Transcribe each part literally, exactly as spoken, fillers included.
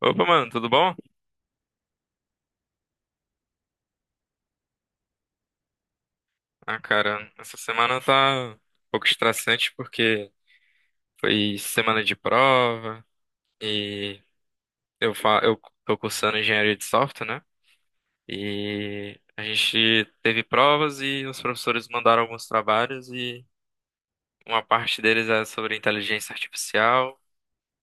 Opa, mano, tudo bom? Ah, cara, essa semana tá um pouco estressante porque foi semana de prova e eu fa eu tô cursando engenharia de software, né? E a gente teve provas e os professores mandaram alguns trabalhos, e uma parte deles é sobre inteligência artificial.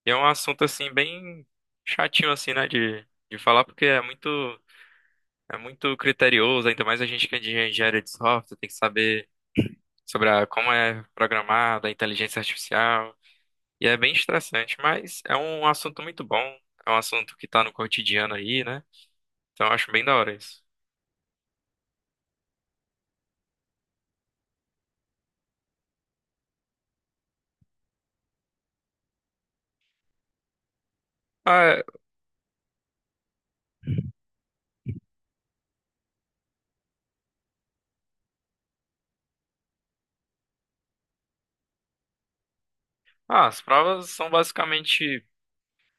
E é um assunto assim bem chatinho assim, né, de de falar, porque é muito, é muito criterioso. Ainda mais a gente que é de engenharia de software, tem que saber sobre a, como é programada a inteligência artificial. E é bem estressante, mas é um assunto muito bom. É um assunto que tá no cotidiano aí, né? Então eu acho bem da hora isso. Ah, é. Ah, as provas são basicamente...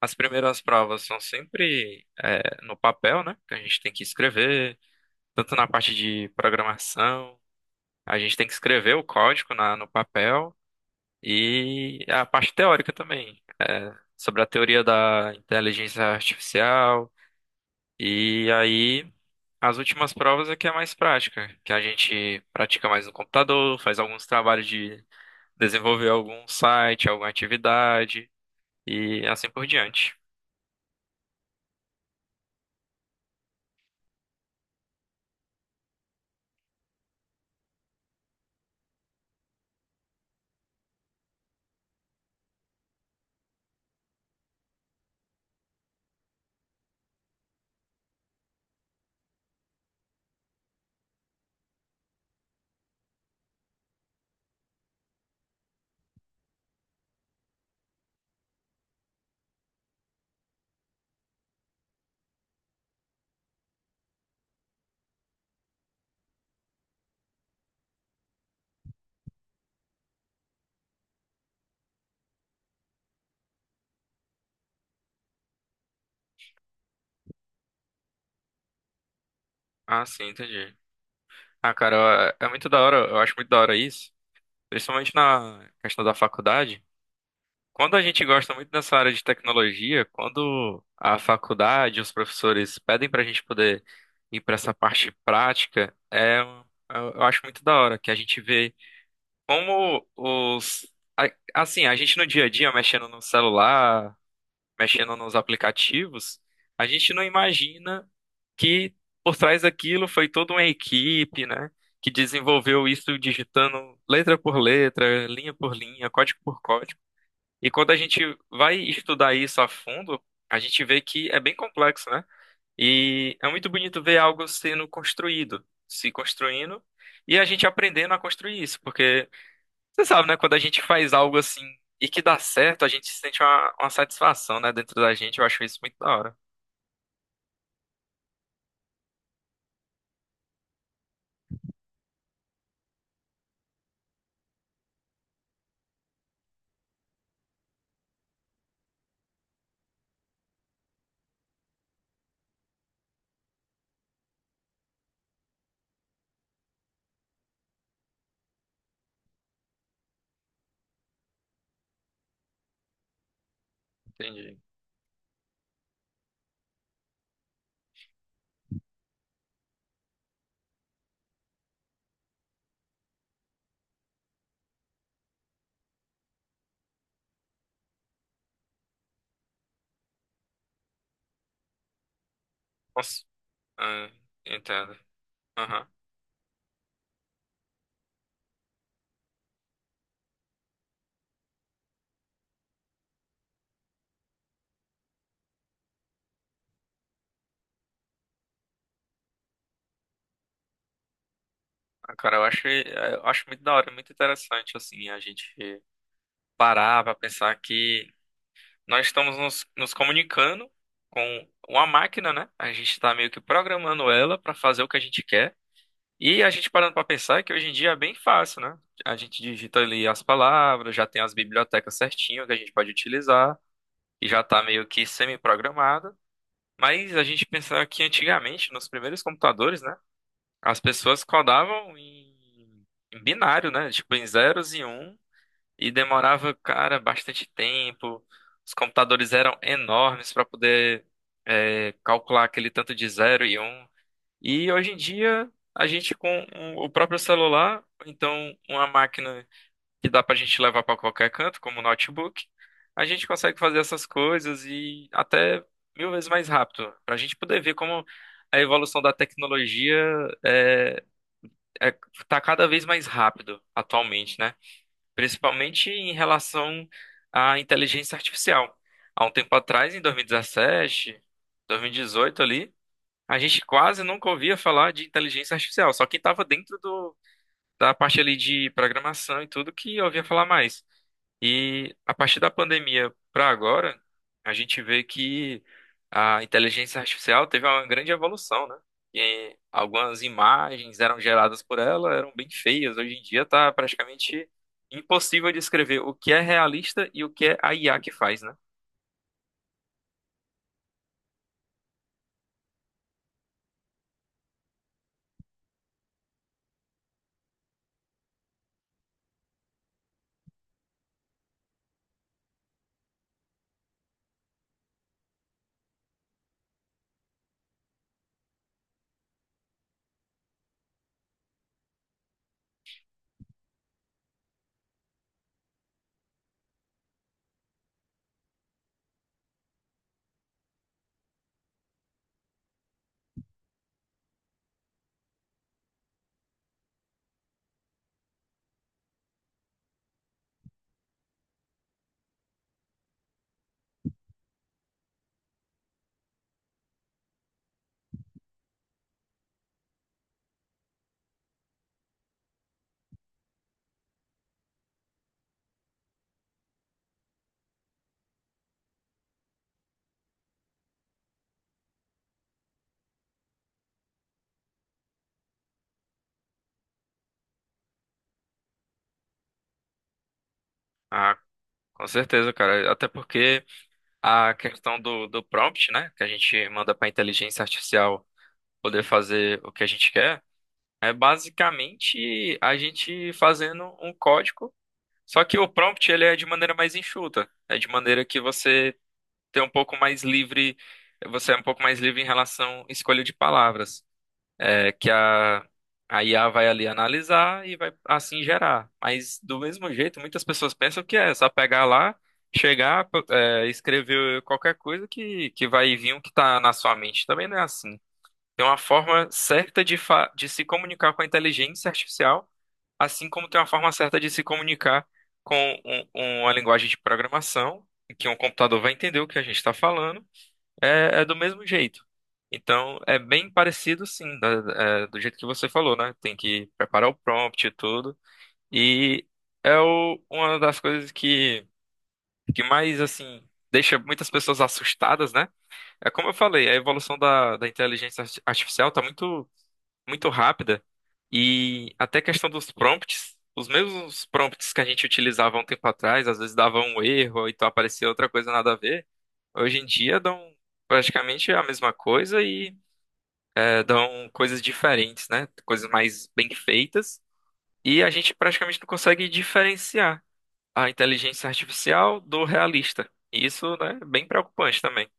As primeiras provas são sempre, é, no papel, né? Que a gente tem que escrever, tanto na parte de programação, a gente tem que escrever o código na, no papel, e a parte teórica também, sobre a teoria da inteligência artificial. E aí, as últimas provas é que é mais prática, que a gente pratica mais no computador, faz alguns trabalhos de desenvolver algum site, alguma atividade, e assim por diante. Ah, sim, entendi. Ah, cara, é é muito da hora, eu acho muito da hora isso, principalmente na questão da faculdade. Quando a gente gosta muito dessa área de tecnologia, quando a faculdade, os professores pedem pra gente poder ir pra essa parte prática, é, eu eu acho muito da hora que a gente vê como os... a- Assim, a gente no dia a dia, mexendo no celular, mexendo nos aplicativos, a gente não imagina que por trás daquilo foi toda uma equipe, né? Que desenvolveu isso digitando letra por letra, linha por linha, código por código. E quando a gente vai estudar isso a fundo, a gente vê que é bem complexo, né? E é muito bonito ver algo sendo construído, se construindo, e a gente aprendendo a construir isso. Porque você sabe, né? Quando a gente faz algo assim e que dá certo, a gente sente uma, uma satisfação, né? Dentro da gente, eu acho isso muito da hora. Entendi. Nossa, ah, entendo. Aham. Ah, cara, eu acho, eu acho muito da hora, é muito interessante, assim. A gente parar pra pensar que nós estamos nos, nos comunicando com uma máquina, né? A gente tá meio que programando ela pra fazer o que a gente quer. E a gente parando para pensar que hoje em dia é bem fácil, né? A gente digita ali as palavras, já tem as bibliotecas certinho que a gente pode utilizar, e já tá meio que semi-programada. Mas a gente pensar que antigamente, nos primeiros computadores, né? As pessoas codavam em, em binário, né? Tipo, em zeros e um, e demorava, cara, bastante tempo. Os computadores eram enormes para poder eh, calcular aquele tanto de zero e um. E hoje em dia, a gente com o o próprio celular, ou então uma máquina que dá pra gente levar pra qualquer canto, como o notebook, a gente consegue fazer essas coisas e até mil vezes mais rápido, pra gente poder ver como a evolução da tecnologia é, é, tá cada vez mais rápido atualmente, né? Principalmente em relação à inteligência artificial. Há um tempo atrás, em dois mil e dezessete, dois mil e dezoito ali, a gente quase nunca ouvia falar de inteligência artificial, só quem estava dentro do, da parte ali de programação e tudo que ouvia falar mais. E a partir da pandemia para agora, a gente vê que a inteligência artificial teve uma grande evolução, né? E algumas imagens eram geradas por ela, eram bem feias. Hoje em dia está praticamente impossível descrever o que é realista e o que é a I A que faz, né? Ah, com certeza, cara. Até porque a questão do, do prompt, né, que a gente manda para a inteligência artificial poder fazer o que a gente quer, é basicamente a gente fazendo um código, só que o prompt, ele é de maneira mais enxuta, é de maneira que você tem um pouco mais livre, você é um pouco mais livre em relação à escolha de palavras, é, que a, a I A vai ali analisar e vai assim gerar. Mas do mesmo jeito, muitas pessoas pensam que é só pegar lá, chegar, p- é, escrever qualquer coisa, que, que vai vir o que está na sua mente. Também não é assim. Tem uma forma certa de, fa de se comunicar com a inteligência artificial, assim como tem uma forma certa de se comunicar com um- uma linguagem de programação, em que um computador vai entender o que a gente está falando. É, é do mesmo jeito. Então, é bem parecido, sim, da- é, do jeito que você falou, né? Tem que preparar o prompt e tudo. E é o- uma das coisas que, que mais, assim, deixa muitas pessoas assustadas, né? É como eu falei, a evolução da, da inteligência arti- artificial tá muito, muito rápida. E até a questão dos prompts, os mesmos prompts que a gente utilizava há um tempo atrás, às vezes dava um erro, ou então aparecia outra coisa nada a ver. Hoje em dia dão praticamente a mesma coisa, e é, dão coisas diferentes, né? Coisas mais bem feitas. E a gente praticamente não consegue diferenciar a inteligência artificial do realista. E isso, né, é bem preocupante também.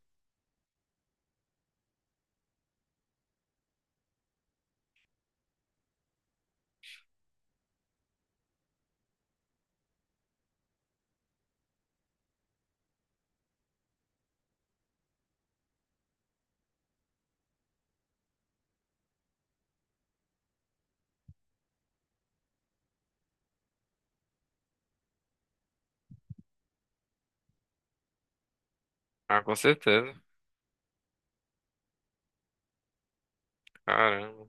Ah, com certeza. Caramba.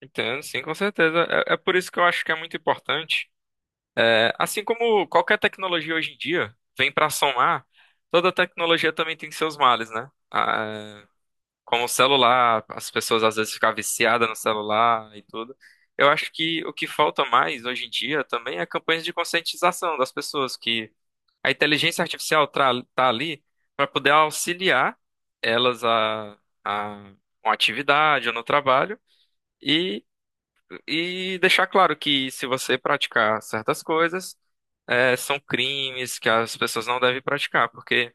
Entendo, sim, com certeza. É, é por isso que eu acho que é muito importante. É, assim como qualquer tecnologia hoje em dia vem para somar, toda tecnologia também tem seus males, né? Ah, como o celular, as pessoas às vezes ficam viciadas no celular e tudo. Eu acho que o que falta mais hoje em dia também é campanhas de conscientização das pessoas, que a inteligência artificial tra- tá ali para poder auxiliar elas a, a uma atividade ou no trabalho, e, e deixar claro que se você praticar certas coisas, eh, são crimes que as pessoas não devem praticar, porque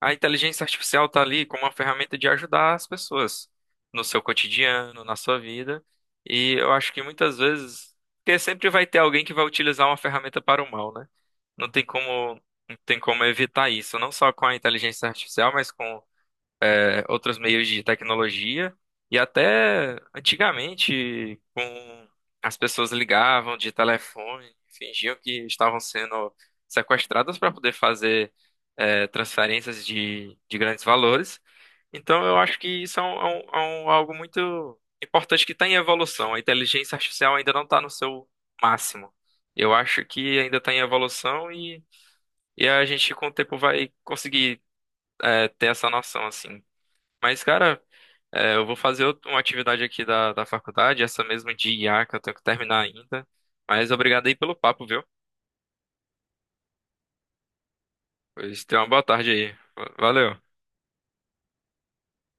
a inteligência artificial está ali como uma ferramenta de ajudar as pessoas no seu cotidiano, na sua vida. E eu acho que muitas vezes, porque sempre vai ter alguém que vai utilizar uma ferramenta para o mal, né? Não tem como, não tem como evitar isso, não só com a inteligência artificial, mas com outros meios de tecnologia, e até antigamente com as pessoas ligavam de telefone, fingiam que estavam sendo sequestradas para poder fazer eh, transferências de, de grandes valores. Então eu acho que isso é, um, é um- é um- algo muito importante que está em evolução. A inteligência artificial ainda não está no seu máximo. Eu acho que ainda está em evolução, e, e a gente com o tempo vai conseguir eh, ter essa noção assim. Mas, cara, é, eu vou fazer out- uma atividade aqui da, da faculdade, essa mesmo de I A que eu tenho que terminar ainda. Mas obrigado aí pelo papo, viu? Pois tenha uma boa tarde aí. Va- Valeu.